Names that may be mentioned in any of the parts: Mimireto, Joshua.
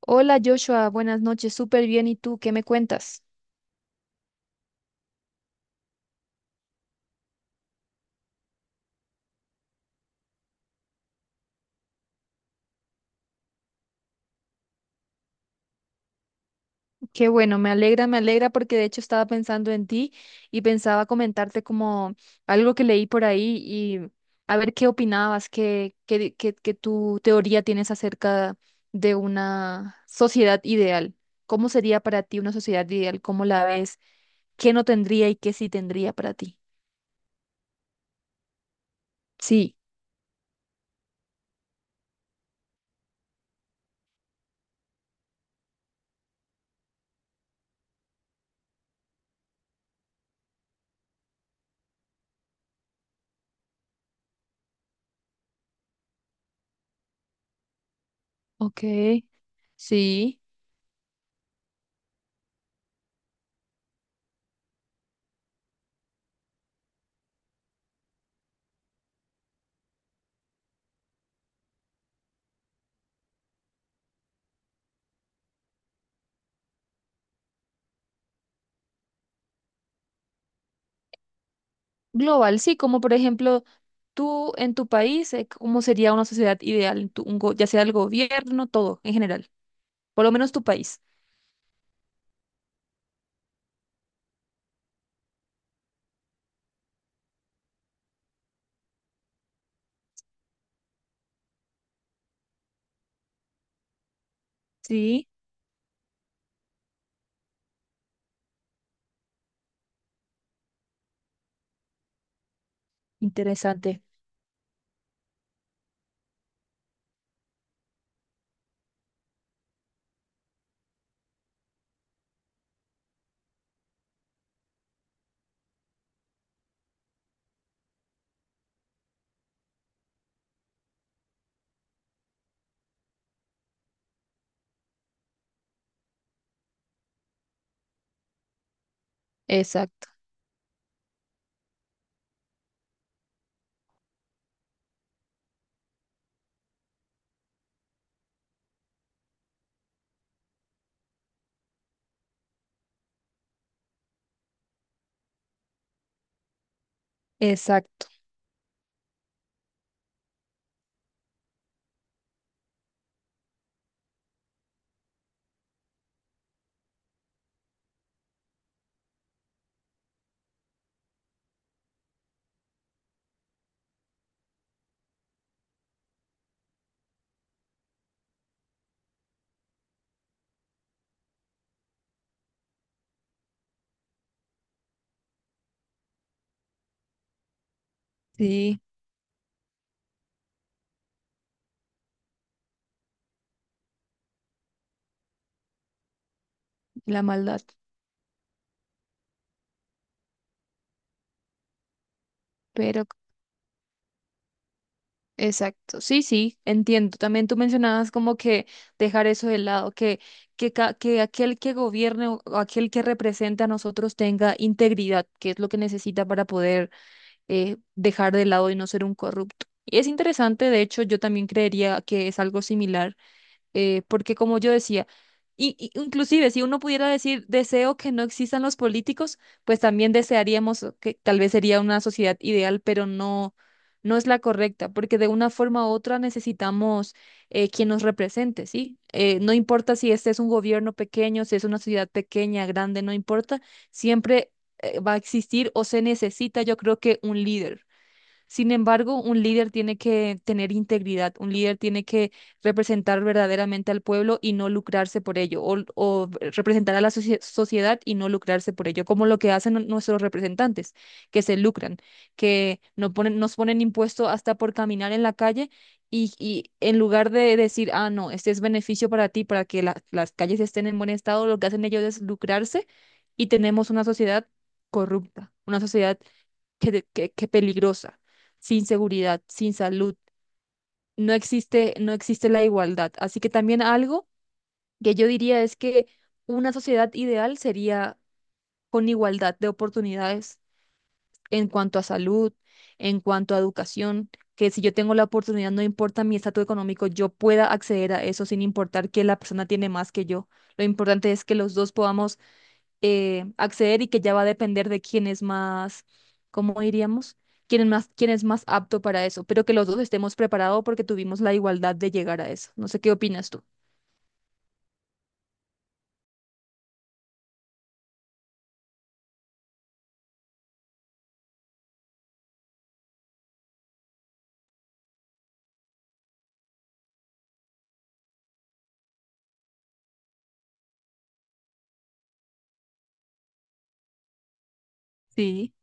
Hola Joshua, buenas noches, súper bien. ¿Y tú qué me cuentas? Qué bueno, me alegra porque de hecho estaba pensando en ti y pensaba comentarte como algo que leí por ahí y a ver qué opinabas, qué tu teoría tienes acerca de una sociedad ideal. ¿Cómo sería para ti una sociedad ideal? ¿Cómo la ves? ¿Qué no tendría y qué sí tendría para ti? Sí, ok, sí. Global, sí, como por ejemplo... Tú, en tu país, ¿cómo sería una sociedad ideal? En tu- un go- Ya sea el gobierno, todo, en general. Por lo menos tu país. Sí, interesante. Exacto, exacto. Sí, la maldad. Pero, exacto. Sí, sí, entiendo. También tú mencionabas como que dejar eso de lado, que aquel que gobierne o aquel que represente a nosotros tenga integridad, que es lo que necesita para poder dejar de lado y no ser un corrupto. Y es interesante, de hecho, yo también creería que es algo similar, porque como yo decía, y inclusive si uno pudiera decir deseo que no existan los políticos, pues también desearíamos que tal vez sería una sociedad ideal, pero no, no es la correcta, porque de una forma u otra necesitamos, quien nos represente, ¿sí? No importa si este es un gobierno pequeño, si es una ciudad pequeña, grande, no importa, siempre va a existir o se necesita, yo creo que un líder. Sin embargo, un líder tiene que tener integridad, un líder tiene que representar verdaderamente al pueblo y no lucrarse por ello, o representar a la sociedad y no lucrarse por ello, como lo que hacen nuestros representantes, que se lucran, que no ponen, nos ponen impuesto hasta por caminar en la calle y en lugar de decir, ah, no, este es beneficio para ti, para que las calles estén en buen estado, lo que hacen ellos es lucrarse y tenemos una sociedad corrupta, una sociedad que peligrosa, sin seguridad, sin salud. No existe, no existe la igualdad. Así que también algo que yo diría es que una sociedad ideal sería con igualdad de oportunidades en cuanto a salud, en cuanto a educación, que si yo tengo la oportunidad, no importa mi estatus económico, yo pueda acceder a eso sin importar que la persona tiene más que yo. Lo importante es que los dos podamos acceder y que ya va a depender de quién es más, ¿cómo diríamos? Quién es más apto para eso, pero que los dos estemos preparados porque tuvimos la igualdad de llegar a eso. No sé qué opinas tú. Sí,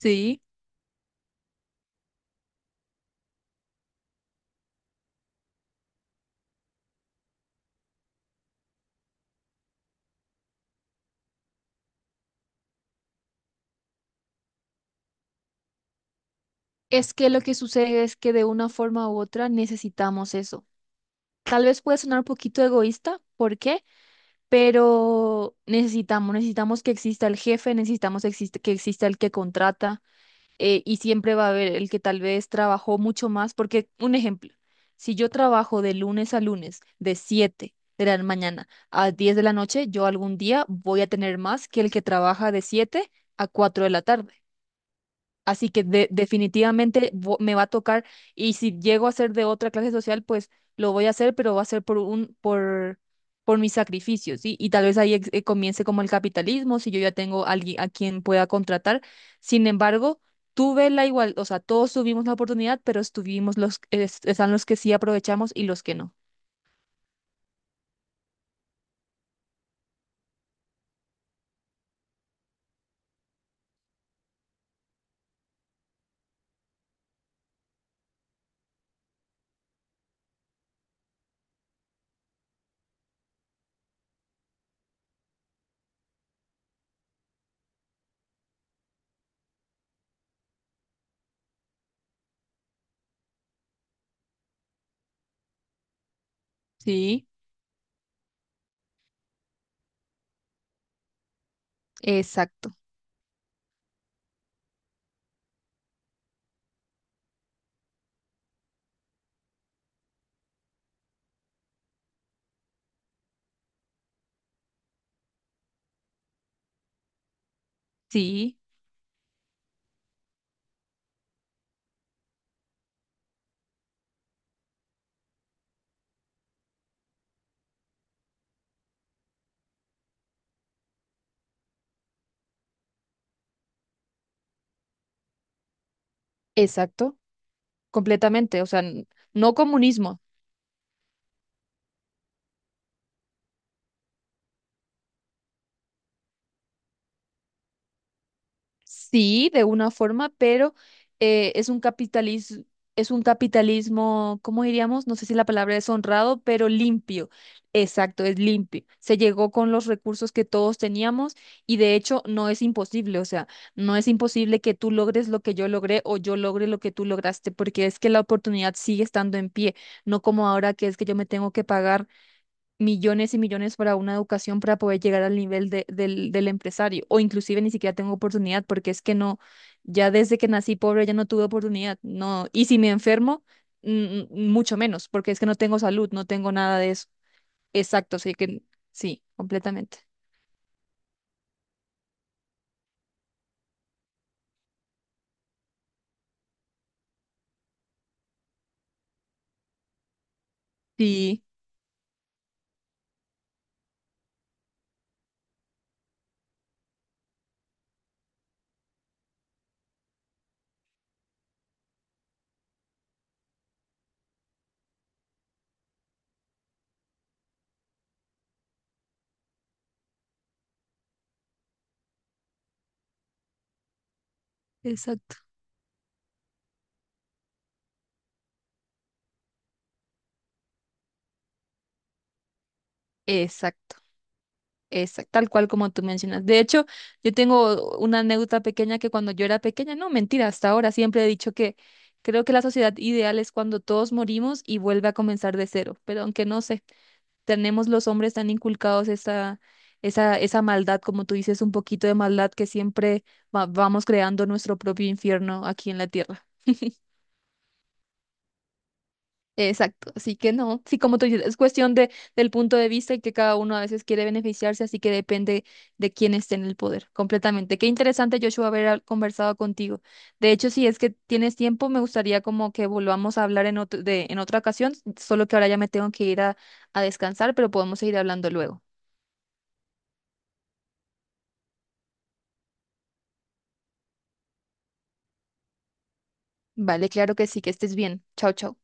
sí. Es que lo que sucede es que de una forma u otra necesitamos eso. Tal vez puede sonar un poquito egoísta, ¿por qué? Pero necesitamos, necesitamos que exista el jefe, necesitamos que exista el que contrata. Y siempre va a haber el que tal vez trabajó mucho más, porque un ejemplo, si yo trabajo de lunes a lunes, de 7 de la mañana a 10 de la noche, yo algún día voy a tener más que el que trabaja de 7 a 4 de la tarde. Así que definitivamente me va a tocar, y si llego a ser de otra clase social, pues lo voy a hacer, pero va a ser por un por mis sacrificios, ¿sí? Y tal vez ahí comience como el capitalismo, si yo ya tengo alguien a quien pueda contratar. Sin embargo, tuve la igual, o sea, todos tuvimos la oportunidad, pero estuvimos están los que sí aprovechamos y los que no. Sí, exacto. Sí, exacto, completamente, o sea, no comunismo. Sí, de una forma, pero eh, es un capitalismo, es un capitalismo, ¿cómo diríamos? No sé si la palabra es honrado, pero limpio. Exacto, es limpio. Se llegó con los recursos que todos teníamos y de hecho no es imposible, o sea, no es imposible que tú logres lo que yo logré o yo logre lo que tú lograste, porque es que la oportunidad sigue estando en pie, no como ahora que es que yo me tengo que pagar millones y millones para una educación para poder llegar al nivel del empresario o inclusive ni siquiera tengo oportunidad porque es que no, ya desde que nací pobre ya no tuve oportunidad, no, y si me enfermo, mm, mucho menos porque es que no tengo salud, no tengo nada de eso. Exacto, sí que sí, completamente. Sí, exacto. Exacto. Tal cual como tú mencionas. De hecho, yo tengo una anécdota pequeña que cuando yo era pequeña, no, mentira, hasta ahora siempre he dicho que creo que la sociedad ideal es cuando todos morimos y vuelve a comenzar de cero. Pero aunque no sé, tenemos los hombres tan inculcados esa maldad, como tú dices, un poquito de maldad que siempre vamos creando nuestro propio infierno aquí en la tierra. Exacto, así que no, sí, como tú dices, es cuestión de, del punto de vista y que cada uno a veces quiere beneficiarse, así que depende de quién esté en el poder, completamente. Qué interesante, Joshua, haber conversado contigo. De hecho, si es que tienes tiempo, me gustaría como que volvamos a hablar en otra ocasión, solo que ahora ya me tengo que ir a descansar, pero podemos seguir hablando luego. Vale, claro que sí, que estés bien. Chao, chao.